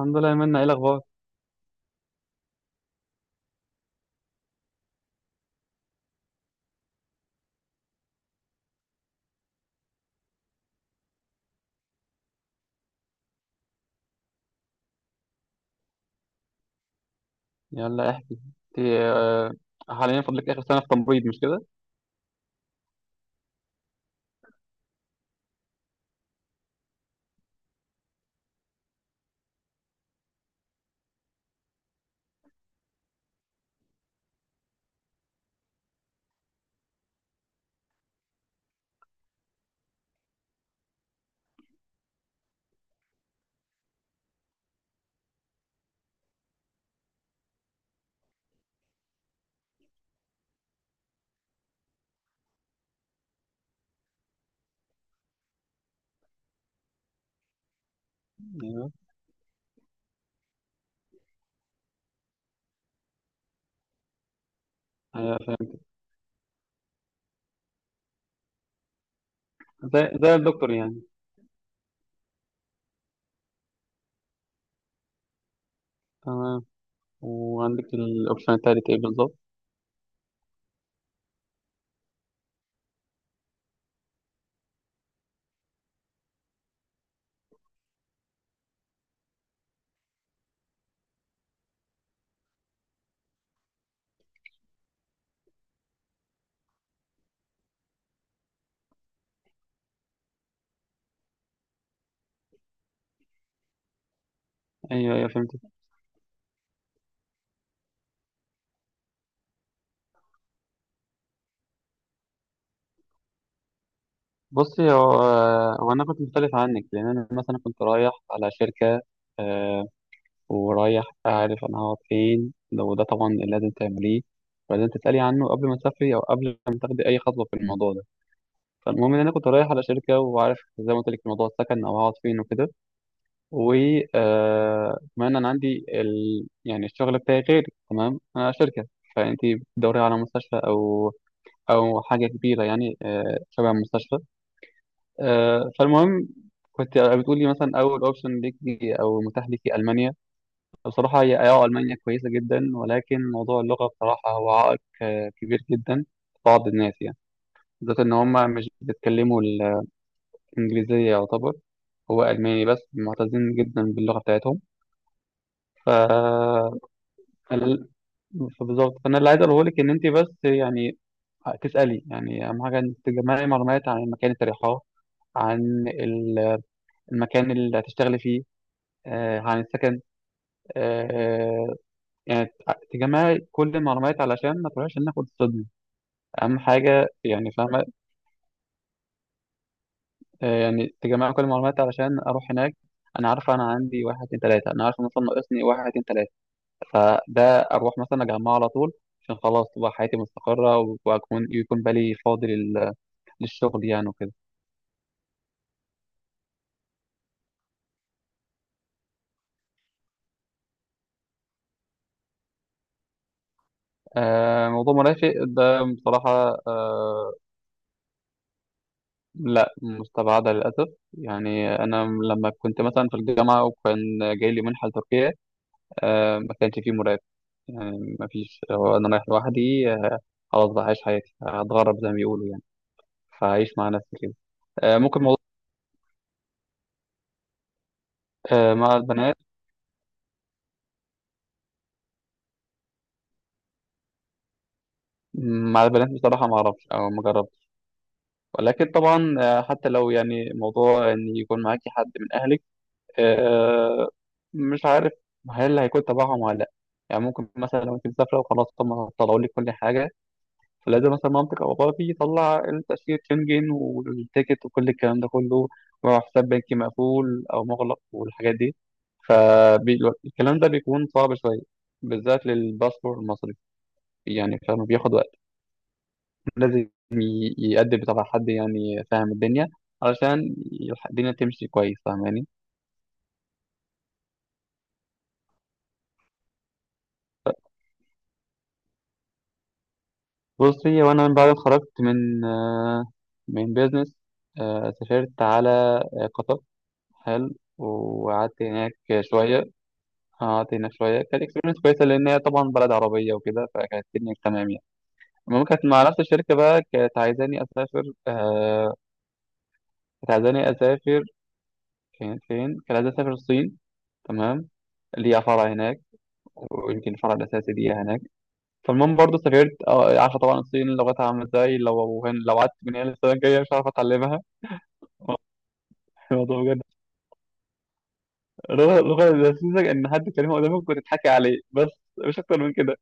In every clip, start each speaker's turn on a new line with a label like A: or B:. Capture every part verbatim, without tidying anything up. A: الحمد لله يا منى، ايه الاخبار؟ يلا احكي. انت آه، حاليا فاضلك اخر سنه في تمريض، مش كده؟ ايوه ايوه فهمت. زي زي الدكتور يعني. تمام. وعندك الاوبشن التالت ايه بالظبط؟ ايوه ايوه فهمت. بصي، هو آه، هو انا كنت مختلف عنك، لان انا مثلا كنت رايح على شركه، آه، ورايح اعرف انا هقعد فين. لو ده طبعا اللي لازم تعمليه ولازم تسألي عنه قبل ما تسافري أو قبل ما تاخدي أي خطوة في الموضوع ده. فالمهم إن أنا كنت رايح على شركة وعارف زي ما قلت لك موضوع السكن أو هقعد فين وكده. وكمان انا عندي ال... يعني الشغل بتاعي غير. تمام، انا شركه. فانت بتدوري على مستشفى او او حاجه كبيره يعني، آه، شبه مستشفى. آه، فالمهم، كنت بتقولي مثلا اول اوبشن ليكي او متاح ليكي المانيا. بصراحه هي اه المانيا كويسه جدا، ولكن موضوع اللغه بصراحه هو عائق آه، كبير جدا. بعض الناس يعني بالذات ان هم مش بيتكلموا الانجليزيه يعتبر. هو الماني بس معتزين جدا باللغه بتاعتهم. ف ال- فبالظبط. فانا اللي عايز اقوله لك ان انت بس يعني تسالي. يعني اهم حاجه انك تجمعي معلومات عن المكان اللي تريحاه، عن ال- المكان اللي هتشتغلي فيه، آه، عن السكن. آه، يعني تع- تجمعي كل المعلومات علشان ما تروحيش هناك وتصدمي. اهم حاجه يعني، فاهمه؟ آه، يعني تجمعي كل المعلومات علشان اروح هناك انا عارفه. انا عندي واحد اتنين تلاته انا عارفه، مثلا ناقصني واحد اتنين تلاته، فده اروح مثلا اجمعه على طول، عشان خلاص تبقى حياتي مستقره، واكون يكون بالي فاضي لل للشغل يعني وكده. آه، موضوع مرافق ده بصراحة، آه، لا، مستبعدة للأسف. يعني أنا لما كنت مثلا في الجامعة وكان جاي لي منحة لتركيا، آه، ما كانش فيه مرافق. يعني ما فيش، هو أنا رايح لوحدي، آه، خلاص بقى هعيش حياتي، هتغرب زي ما بيقولوا يعني. فهعيش مع نفسي كده. آه، ممكن موضوع، آه، مع البنات. مع البنات بصراحة ما أعرفش أو ما جربتش. ولكن طبعا آه، حتى لو يعني موضوع إن يكون معاكي حد من أهلك، آه، مش عارف هل هيكون تبعهم ولا لا. يعني ممكن مثلا لو انت مسافره وخلاص هم طلعوا لك كل حاجه، فلازم مثلا مامتك او باباك يطلع التاشيره شنجن والتيكت وكل الكلام ده كله، وحساب بنكي مقفول او مغلق والحاجات دي. فالكلام ده بيكون صعب شويه، بالذات للباسبور المصري. يعني فما بياخد وقت، لازم ي- يقدم تبع حد يعني فاهم الدنيا، علشان الدنيا تمشي كويس. فاهماني؟ بصي، وانا من بعد ما اتخرجت من آه، من بيزنس، آه، سافرت على آه، قطر. حلو، وقعدت هناك شوية. آه، قعدت هناك شوية. كانت اكسبيرينس كويسة لأن هي طبعا بلد عربية وكده، فكانت الدنيا تمام يعني. المهم، كانت مع نفس الشركة بقى كانت عايزاني أسافر، آه، كانت عايزاني أسافر. كانت فين؟ كانت عايزاني أسافر الصين. تمام، ليها فرع هناك، ويمكن الفرع الأساسي ليها هناك. فالمهم برضه سافرت. آه، عارفة طبعا الصين لغتها عاملة ازاي، لو هن- لو قعدت من هنا للسنة الجاية مش هعرف أتعلمها. آه، الموضوع بجد. اللغة اللغة لذيذة إن حد كلمة قدامك وتضحكي عليه بس، مش أكتر من كده.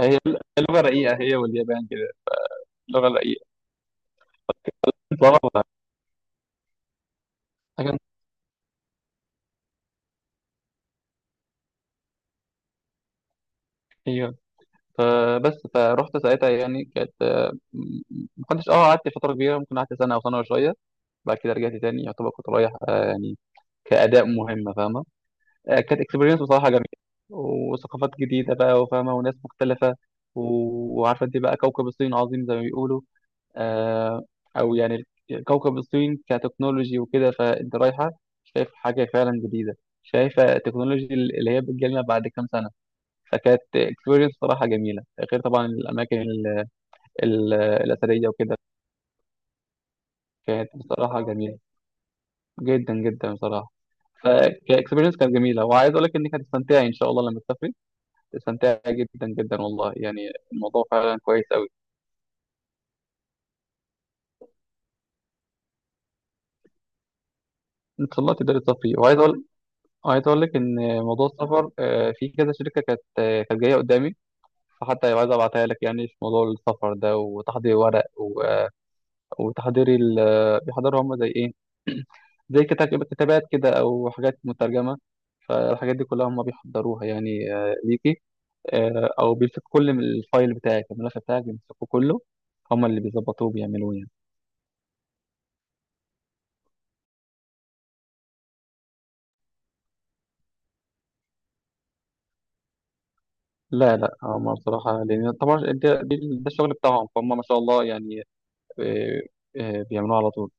A: هي هي لغة رقيقة، هي واليابان كده لغة رقيقة. طبعا حاجة. أيوه. فبس، فروحت ساعتها يعني كانت، آه، ما كنتش اه، قعدت فترة كبيرة، ممكن قعدت سنة أو سنة وشوية. بعد كده رجعت تاني. يعتبر كنت رايح آه، يعني كأداء مهمة، فاهمة؟ آه، كانت اكسبيرينس بصراحة جميلة، وثقافات جديدة بقى، وفاهمة وناس مختلفة. و- وعارفة انت بقى كوكب الصين عظيم زي ما بيقولوا، آه، او يعني كوكب الصين كتكنولوجي وكده. فانت رايحه شايف حاجه فعلا جديده، شايفه التكنولوجي اللي هي بتجيلنا بعد كام سنه. فكانت اكسبيرينس صراحه جميله، غير طبعا الاماكن ال- ال- الاثريه وكده. كانت بصراحه جميله جدا جدا بصراحه. فكاكسبيرينس كانت جميله، وعايز اقول لك انك هتستمتعي ان شاء الله لما تسافري. تستمتعي جدا جدا والله، يعني الموضوع فعلا كويس قوي. ان شاء الله تقدري تسافري. وعايز اقول عايز اقول لك ان موضوع السفر، آه، في كذا شركه كانت، آه، كانت جايه قدامي، فحتى عايز ابعتها لك يعني في موضوع السفر ده، وتحضير ورق و- آه، وتحضير ال آه، بيحضروا هم زي ايه زي كتاب- كتابات كده او حاجات مترجمه. فالحاجات دي كلها هم بيحضروها يعني، آه، ليكي. آه، او بيمسكوا كل من الفايل بتاعك الملف بتاعك، بيمسكوا كله، هم اللي بيظبطوه بيعملوه يعني. لا لا، هم بصراحه لان طبعا ده, ده الشغل بتاعهم، فهم ما شاء الله يعني، آه، آه، بيعملوه على طول.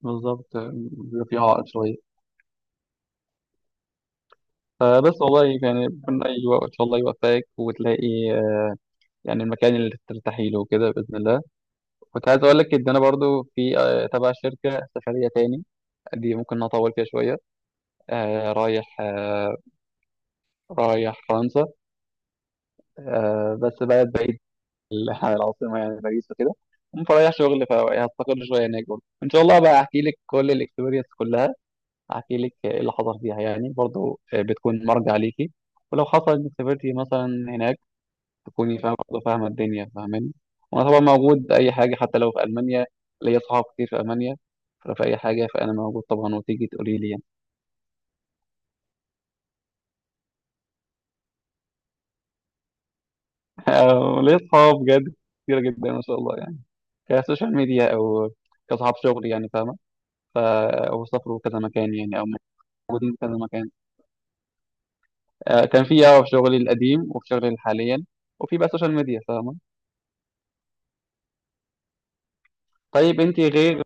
A: بالظبط، بيبقى في عائق شوية. فبس والله، يعني ربنا يوفق، إن شاء الله يوفقك وتلاقي آه، يعني المكان اللي ترتاحي له كده بإذن الله. كنت عايز أقول لك إن أنا برضو في آه، تبع شركة سفرية تاني، دي ممكن نطول فيها شوية. آه، رايح آه، رايح فرنسا. آه، بس بلد بعيد عن العاصمة يعني باريس وكده. المهم، فرايح شغل، فهستقر شوية هناك برضه إن شاء الله، بقى أحكي لك كل الإكسبيرينس كلها، احكي لك ايه اللي حصل فيها يعني. برضو آه، بتكون مرجع ليكي، ولو حصل انك سافرتي مثلا هناك تكوني فاهمه برضه، فاهمه الدنيا. فاهماني؟ وانا طبعا موجود اي حاجه، حتى لو في المانيا، ليا صحاب كتير في المانيا، فلو في اي حاجه فانا موجود طبعا، وتيجي تقولي لي يعني. ليا صحاب بجد كتير جدا ما شاء الله يعني، كسوشيال ميديا او كصحاب شغل، يعني فاهمه. ف او سافروا كذا مكان يعني، او موجودين في كذا مكان. آه، كان في اه في شغلي القديم وفي شغلي حاليا، وفي بقى سوشيال ميديا، فاهمه؟ طيب انت غير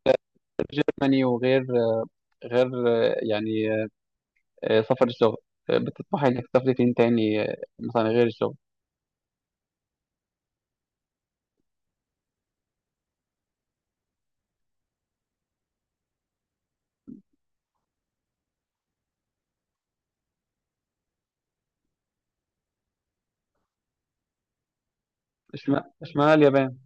A: جيرماني، وغير غير يعني آه، سفر الشغل، بتطمحي انك تسافري فين تاني آه، مثلا غير الشغل؟ اشمعنى اشمعنى اليابان؟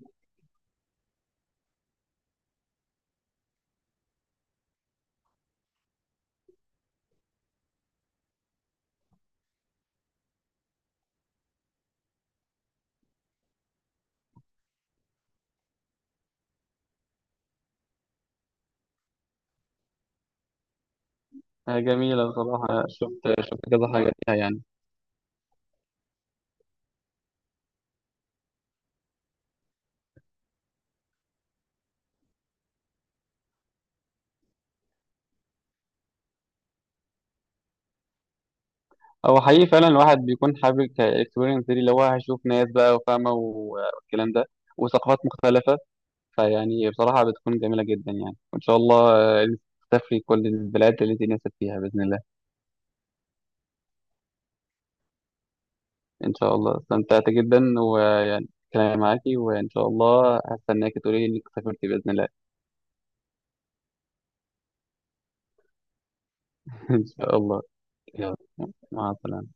A: آه، جميلة بصراحة، شفت شفت كذا حاجة فيها يعني. هو حقيقي فعلا الواحد بيكون حابب الاكسبيرينس دي، اللي هو هيشوف ناس بقى وفاهمة و- والكلام ده، وثقافات مختلفة. فيعني بصراحة بتكون جميلة جدا يعني، وإن شاء الله آه، تسافري كل البلاد اللي انت نفسك فيها بإذن الله. ان شاء الله. استمتعت جدا، ويعني كلامي معاكي، وان شاء الله هستناك تقولي لي انك سافرتي باذن الله. ان شاء الله. يلا مع السلامه.